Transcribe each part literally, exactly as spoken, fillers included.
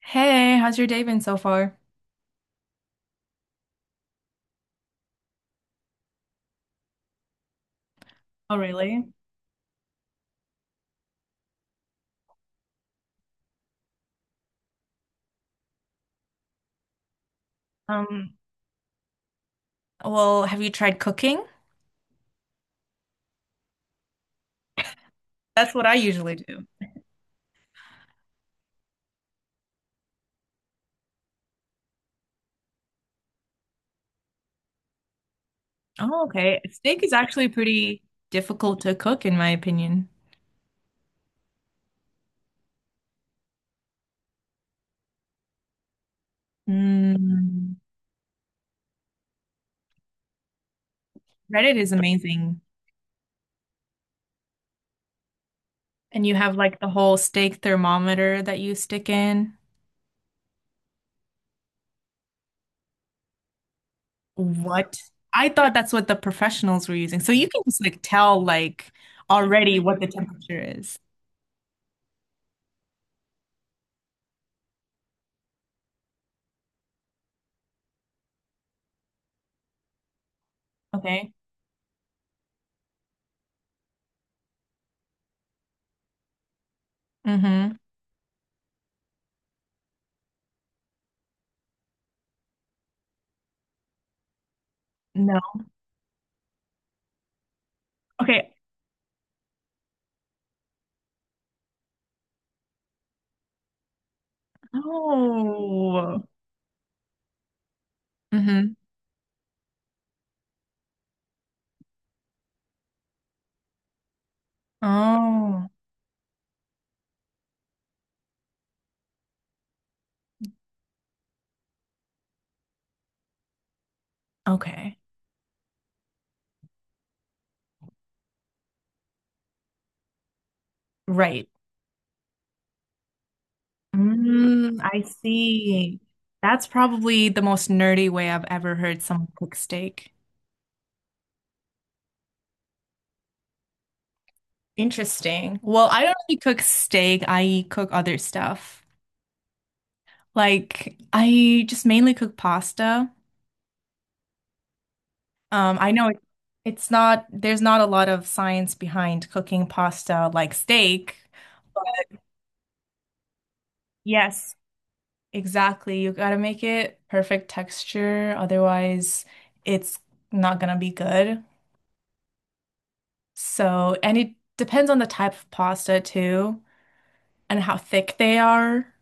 Hey, how's your day been so far? Oh, really? Um, well, have you tried cooking? That's what I usually do. Oh, okay. Steak is actually pretty difficult to cook, in my opinion. Mm. Reddit is amazing. And you have like the whole steak thermometer that you stick in. What? I thought that's what the professionals were using, so you can just like tell like already what the temperature is. Okay. Mm-hmm. No. Okay. Oh. Oh, okay. Right. Mm, I see. That's probably the most nerdy way I've ever heard someone cook steak. Interesting. Well, I don't really cook steak. I cook other stuff. Like I just mainly cook pasta. Um, I know it, it's not, there's not a lot of science behind cooking pasta like steak, but yes, exactly. You gotta make it perfect texture, otherwise it's not gonna be good. So, and it depends on the type of pasta too and how thick they are.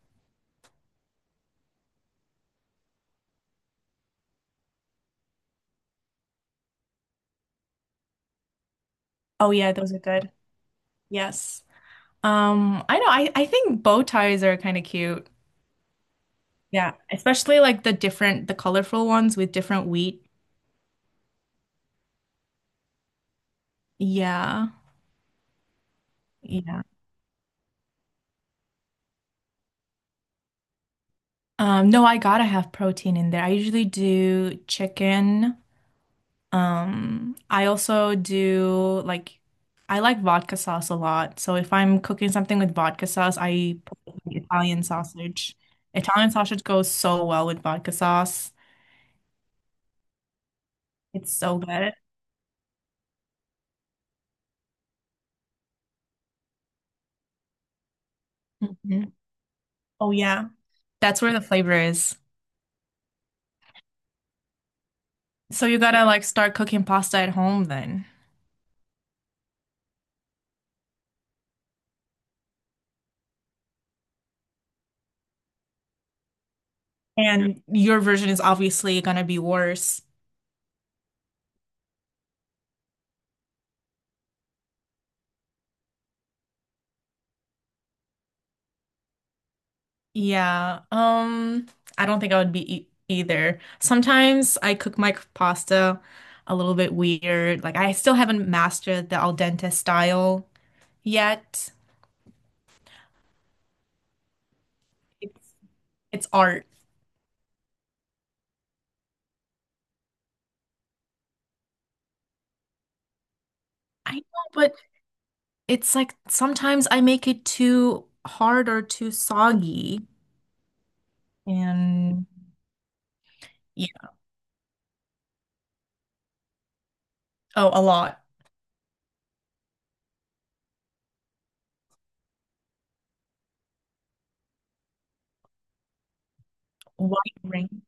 Oh yeah, those are good. Yes. Um, I know, I, I think bow ties are kind of cute. Yeah, especially like the different, the colorful ones with different wheat. Yeah. Yeah. Um, no, I gotta have protein in there. I usually do chicken. Um, I also do like I like vodka sauce a lot. So if I'm cooking something with vodka sauce, I put in Italian sausage. Italian sausage goes so well with vodka sauce. It's so good. Hmm. Oh yeah. That's where the flavor is. So you gotta like start cooking pasta at home then. And your version is obviously gonna be worse. Yeah, um, I don't think I would be e either. Sometimes I cook my pasta a little bit weird. Like I still haven't mastered the al dente style yet. It's it's art. I know, but it's like sometimes I make it too hard or too soggy. And yeah, oh, a lot. White ring.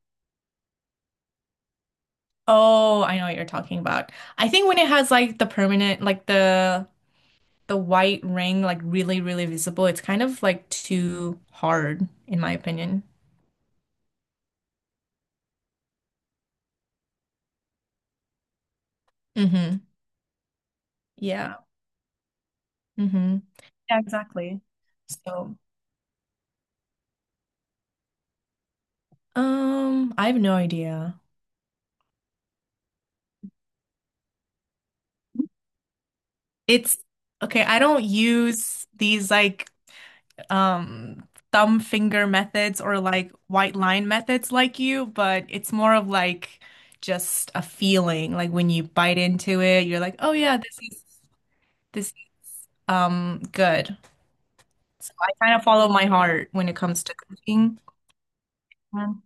Oh, I know what you're talking about. I think when it has like the permanent, like the the white ring like really, really visible, it's kind of like too hard, in my opinion. Mm-hmm. Yeah. Mm-hmm. Yeah, exactly. So, um, I have no idea. It's okay. I don't use these like um thumb finger methods or like white line methods like you, but it's more of like just a feeling. Like when you bite into it, you're like, oh yeah, this is this is, um good. So I kind of follow my heart when it comes to cooking. And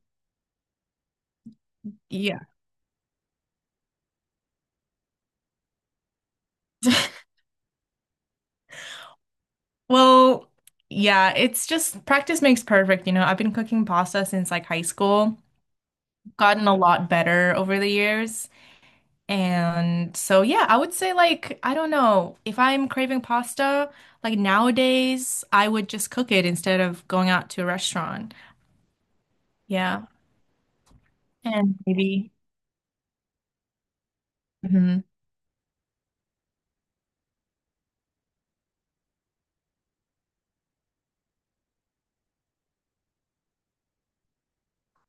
yeah. Well, yeah, it's just practice makes perfect. You know, I've been cooking pasta since like high school, gotten a lot better over the years. And so, yeah, I would say like, I don't know, if I'm craving pasta, like nowadays, I would just cook it instead of going out to a restaurant. Yeah. And maybe mhm.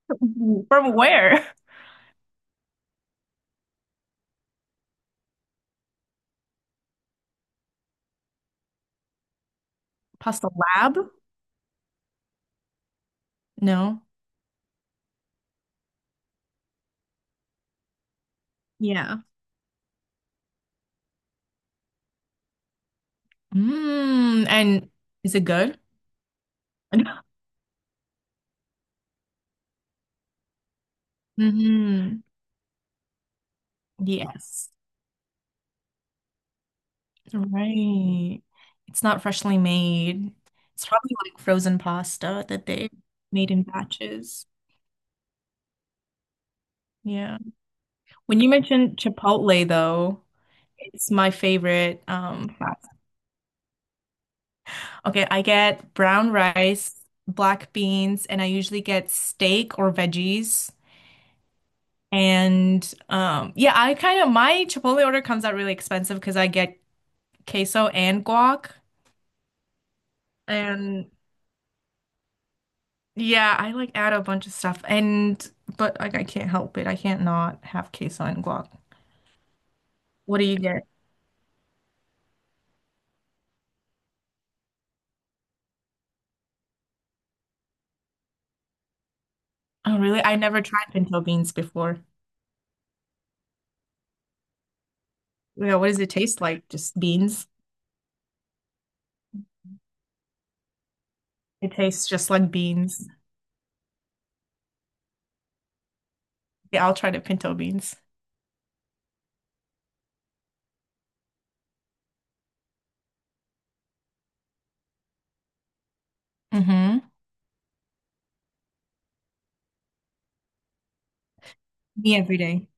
From where? Pasta Lab? No. Yeah. Mm, and is it good? hmm. Yes. Right. It's not freshly made. It's probably like frozen pasta that they made in batches. Yeah. When you mentioned Chipotle, though, it's my favorite um fast- Okay, I get brown rice, black beans, and I usually get steak or veggies. And um yeah, I kind of my Chipotle order comes out really expensive because I get queso and guac. And yeah, I like add a bunch of stuff and but like I can't help it. I can't not have queso and guac. What do you get? Oh, really? I never tried pinto beans before. Yeah, what does it taste like? Just beans? It tastes just like beans. Yeah, I'll try the pinto beans. Mm-hmm. Me every day.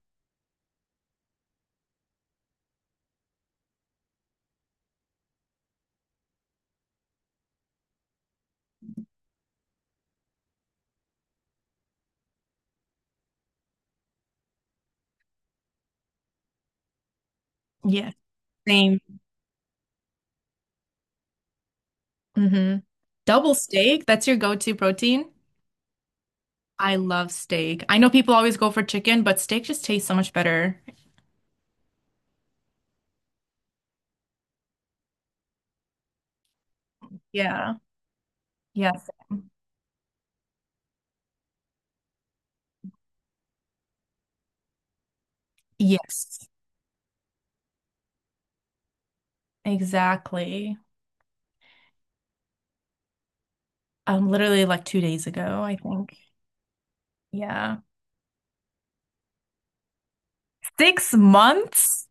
Yeah, same. Mm-hmm. Double steak, that's your go-to protein? I love steak. I know people always go for chicken, but steak just tastes so much better. Yeah. Yes. Yes. Exactly. Um, literally like two days ago, I think. Yeah. Six months?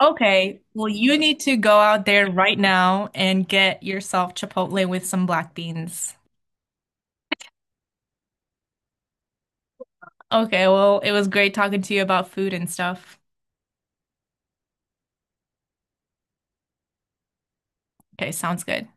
Okay. Well, you need to go out there right now and get yourself Chipotle with some black beans. Okay, well, it was great talking to you about food and stuff. Okay, sounds good.